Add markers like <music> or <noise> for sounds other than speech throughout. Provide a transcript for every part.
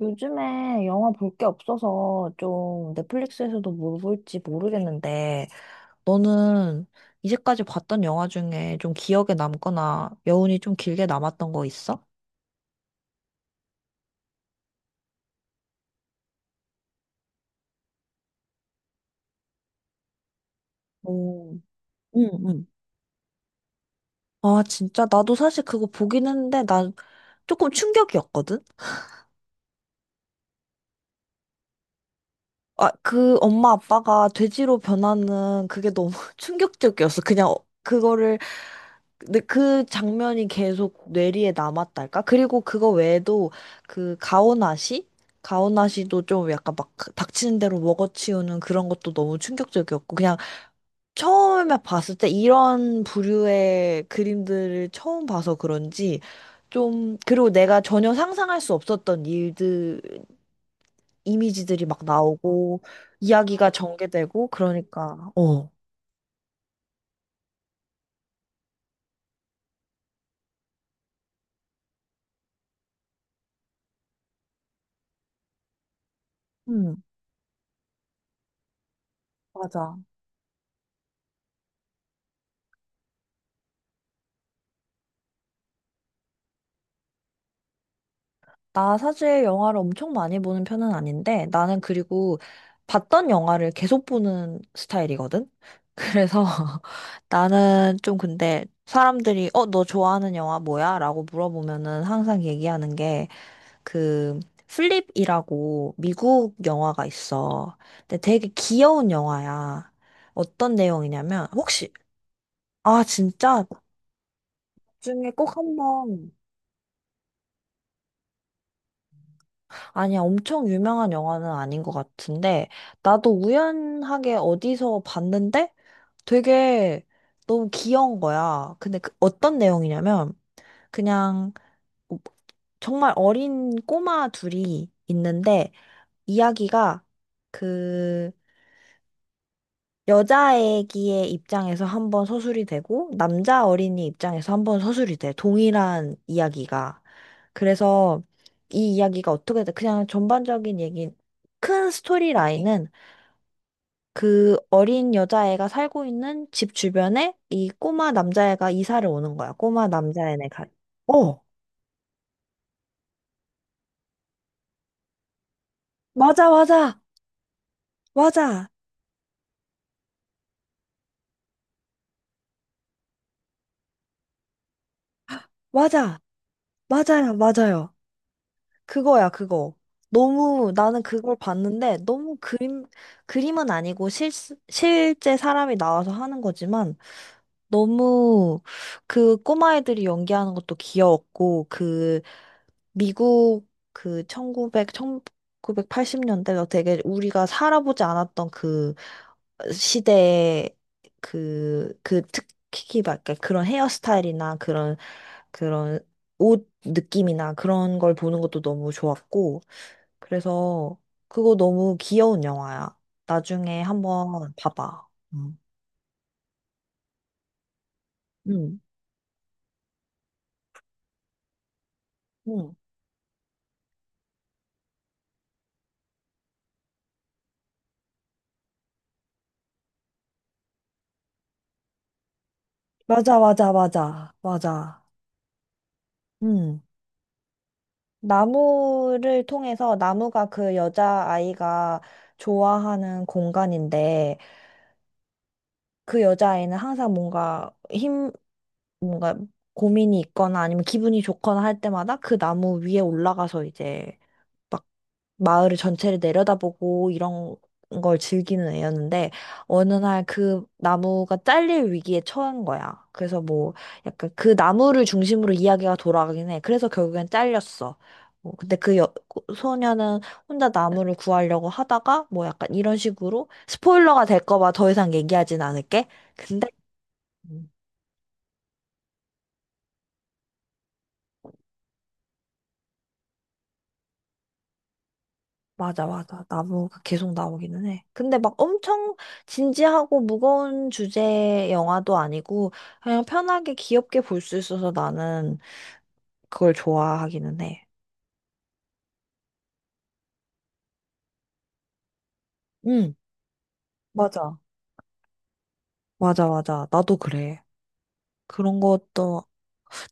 요즘에 영화 볼 게 없어서 좀 넷플릭스에서도 뭘 볼지 모르겠는데, 너는 이제까지 봤던 영화 중에 좀 기억에 남거나 여운이 좀 길게 남았던 거 있어? 오, 응, 응. 아, 진짜? 나도 사실 그거 보긴 했는데, 난 조금 충격이었거든? 아, 그 엄마 아빠가 돼지로 변하는 그게 너무 <laughs> 충격적이었어. 그냥 그거를. 근데 그 장면이 계속 뇌리에 남았달까? 그리고 그거 외에도 그 가오나시? 가오나시도 좀 약간 막 닥치는 대로 먹어치우는 그런 것도 너무 충격적이었고, 그냥 처음에 봤을 때 이런 부류의 그림들을 처음 봐서 그런지 좀. 그리고 내가 전혀 상상할 수 없었던 일들, 이미지들이 막 나오고 이야기가 전개되고 그러니까 어. 음, 맞아. 나 사실 영화를 엄청 많이 보는 편은 아닌데, 나는 그리고 봤던 영화를 계속 보는 스타일이거든. 그래서 <laughs> 나는 좀, 근데 사람들이 어, 너 좋아하는 영화 뭐야? 라고 물어보면은 항상 얘기하는 게 그 플립이라고 미국 영화가 있어. 근데 되게 귀여운 영화야. 어떤 내용이냐면 혹시. 아, 진짜? 나중에 꼭 한 번. 아니야, 엄청 유명한 영화는 아닌 것 같은데, 나도 우연하게 어디서 봤는데 되게 너무 귀여운 거야. 근데 그 어떤 내용이냐면, 그냥 뭐 정말 어린 꼬마 둘이 있는데, 이야기가 그 여자애기의 입장에서 한번 서술이 되고, 남자 어린이 입장에서 한번 서술이 돼. 동일한 이야기가. 그래서 이 이야기가 어떻게 돼? 그냥 전반적인 얘기, 큰 스토리 라인은 그 어린 여자애가 살고 있는 집 주변에 이 꼬마 남자애가 이사를 오는 거야. 꼬마 남자애네가. 어, 맞아, 맞아, 맞아, 맞아, 맞아요, 맞아요. 그거야, 그거. 너무 나는 그걸 봤는데 너무 그림 그림은 아니고, 실 실제 사람이 나와서 하는 거지만 너무 그 꼬마애들이 연기하는 것도 귀여웠고, 그 미국 그 1980년대가 되게 우리가 살아보지 않았던 그 시대의 그 특히 막 약간 그런 헤어스타일이나 그런, 그런 옷 느낌이나 그런 걸 보는 것도 너무 좋았고, 그래서 그거 너무 귀여운 영화야. 나중에 한번 봐봐. 음. 음. 음. 맞아, 맞아, 맞아, 맞아. 음. 나무를 통해서, 나무가 그 여자아이가 좋아하는 공간인데, 그 여자아이는 항상 뭔가 뭔가 고민이 있거나 아니면 기분이 좋거나 할 때마다 그 나무 위에 올라가서 이제 마을을 전체를 내려다보고 이런 걸 즐기는 애였는데, 어느 날 그 나무가 잘릴 위기에 처한 거야. 그래서 뭐 약간 그 나무를 중심으로 이야기가 돌아가긴 해. 그래서 결국엔 잘렸어. 뭐 근데 소녀는 혼자 나무를 구하려고 하다가 뭐 약간 이런 식으로 스포일러가 될까 봐 더 이상 얘기하진 않을게. 근데 맞아, 맞아. 나무가 계속 나오기는 해. 근데 막 엄청 진지하고 무거운 주제 영화도 아니고, 그냥 편하게 귀엽게 볼 수 있어서 나는 그걸 좋아하기는 해. 응, 맞아. 맞아, 맞아. 나도 그래. 그런 것도.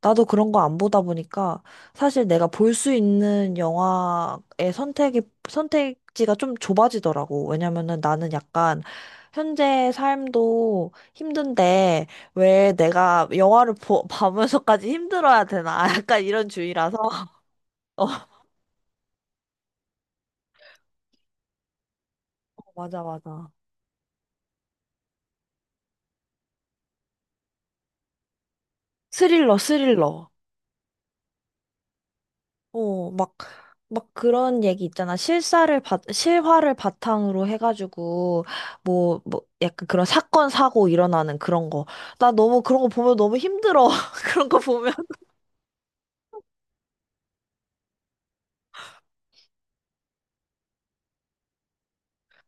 나도 그런 거 안 보다 보니까 사실 내가 볼 수 있는 영화의 선택지가 좀 좁아지더라고. 왜냐면은 나는 약간 현재 삶도 힘든데 왜 내가 영화를 <laughs> 봐면서까지 힘들어야 되나? <laughs> 약간 이런 주의라서. <laughs> 어, 맞아, 맞아. 스릴러, 스릴러. 어, 막 그런 얘기 있잖아. 실화를 바탕으로 해가지고 뭐, 뭐, 약간 그런 사건, 사고 일어나는 그런 거. 나 너무 그런 거 보면 너무 힘들어. <laughs> 그런 거 보면.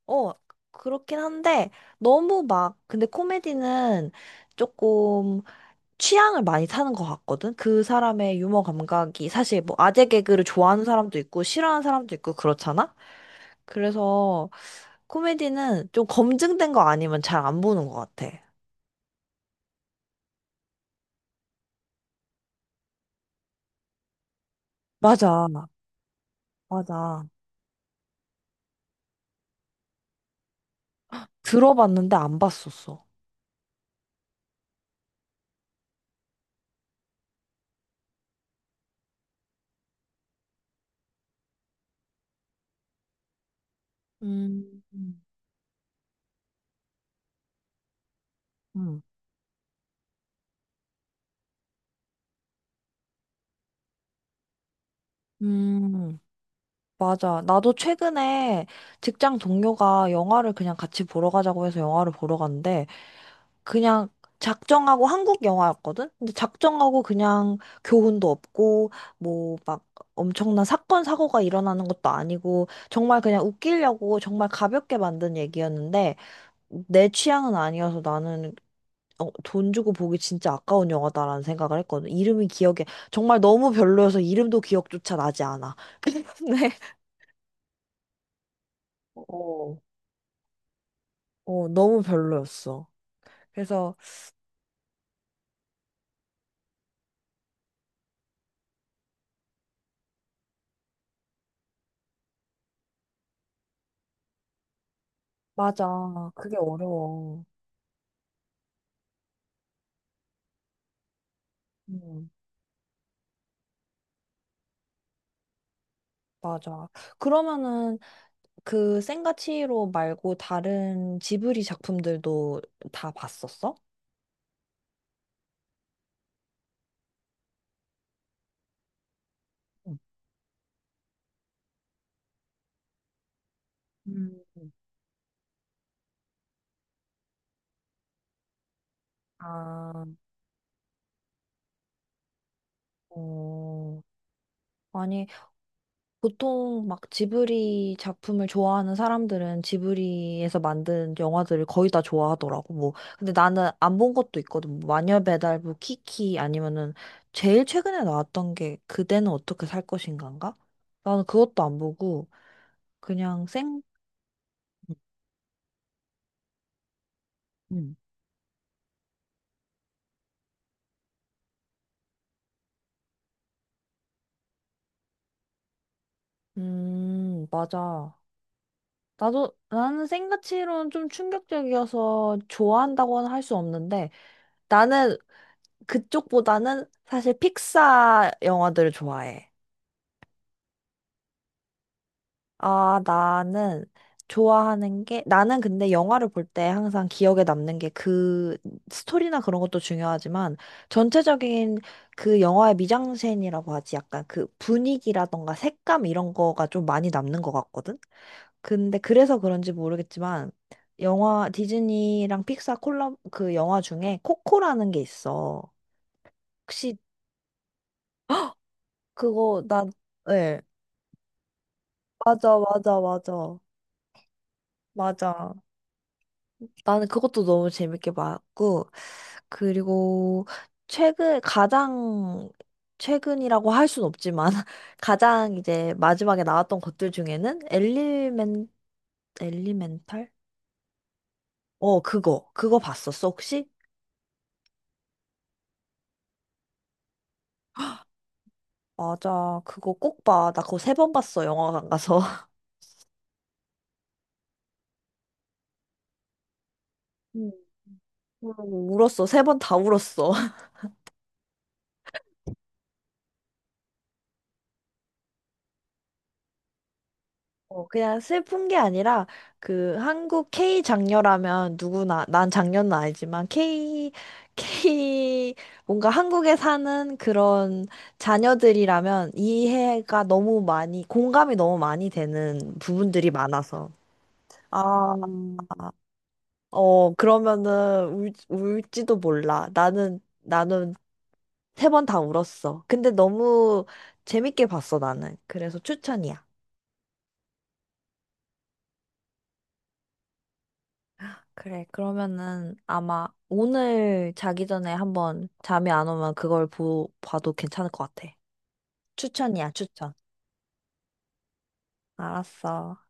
어, 그렇긴 한데, 너무 막, 근데 코미디는 조금 취향을 많이 타는 것 같거든? 그 사람의 유머 감각이 사실 뭐 아재 개그를 좋아하는 사람도 있고, 싫어하는 사람도 있고, 그렇잖아? 그래서 코미디는 좀 검증된 거 아니면 잘 안 보는 것 같아. 맞아, 맞아. 들어봤는데 안 봤었어. 음, 음, 응. 음, 맞아. 나도 최근에 직장 동료가 영화를 그냥 같이 보러 가자고 해서 영화를 보러 갔는데, 그냥 작정하고 한국 영화였거든? 근데 작정하고 그냥 교훈도 없고, 뭐 막 엄청난 사건, 사고가 일어나는 것도 아니고, 정말 그냥 웃기려고 정말 가볍게 만든 얘기였는데, 내 취향은 아니어서 나는 어, 돈 주고 보기 진짜 아까운 영화다라는 생각을 했거든. 이름이 기억에. 정말 너무 별로여서 이름도 기억조차 나지 않아. <laughs> 근데 어, 어, 너무 별로였어. 그래서. 맞아. 그게 어려워. 음, 맞아. 그러면은 그 센과 치히로 말고 다른 지브리 작품들도 다 봤었어? 음. 음. 아, 어, 아니 보통 막 지브리 작품을 좋아하는 사람들은 지브리에서 만든 영화들을 거의 다 좋아하더라고. 뭐 근데 나는 안 본 것도 있거든. 뭐 마녀 배달부 키키 아니면은 제일 최근에 나왔던 게 그대는 어떻게 살 것인가인가? 나는 그것도 안 보고 그냥 생 음. 맞아. 나도, 나는 생가치로는 좀 충격적이어서 좋아한다고는 할 수 없는데, 나는 그쪽보다는 사실 픽사 영화들을 좋아해. 아, 나는 좋아하는 게, 나는 근데 영화를 볼 때 항상 기억에 남는 게 그 스토리나 그런 것도 중요하지만 전체적인 그 영화의 미장센이라고 하지 약간 그 분위기라던가 색감 이런 거가 좀 많이 남는 것 같거든? 근데 그래서 그런지 모르겠지만 영화 디즈니랑 픽사 콜라 그 영화 중에 코코라는 게 있어. 혹시 그거 나, 예. 맞아, 맞아, 맞아. 맞아. 나는 그것도 너무 재밌게 봤고, 그리고 최근, 가장, 최근이라고 할 순 없지만, <laughs> 가장 이제 마지막에 나왔던 것들 중에는 엘리멘탈? 어, 그거. 그거 봤었어, 혹시? 맞아. 그거 꼭 봐. 나 그거 세 번 봤어, 영화관 가서. <laughs> 음. 울었어. 세 번 다 울었어. 어, 그냥 슬픈 게 아니라 그 한국 K 장녀라면 누구나, 난 장녀는 아니지만 K 뭔가 한국에 사는 그런 자녀들이라면 이해가 너무 많이, 공감이 너무 많이 되는 부분들이 많아서. 아, 어, 그러면은 울지도 몰라. 나는 세 번 다 울었어. 근데 너무 재밌게 봤어, 나는. 그래서 추천이야. 그래, 그러면은 아마 오늘 자기 전에 한번 잠이 안 오면 그걸 봐도 괜찮을 것 같아. 추천이야, 추천. 알았어.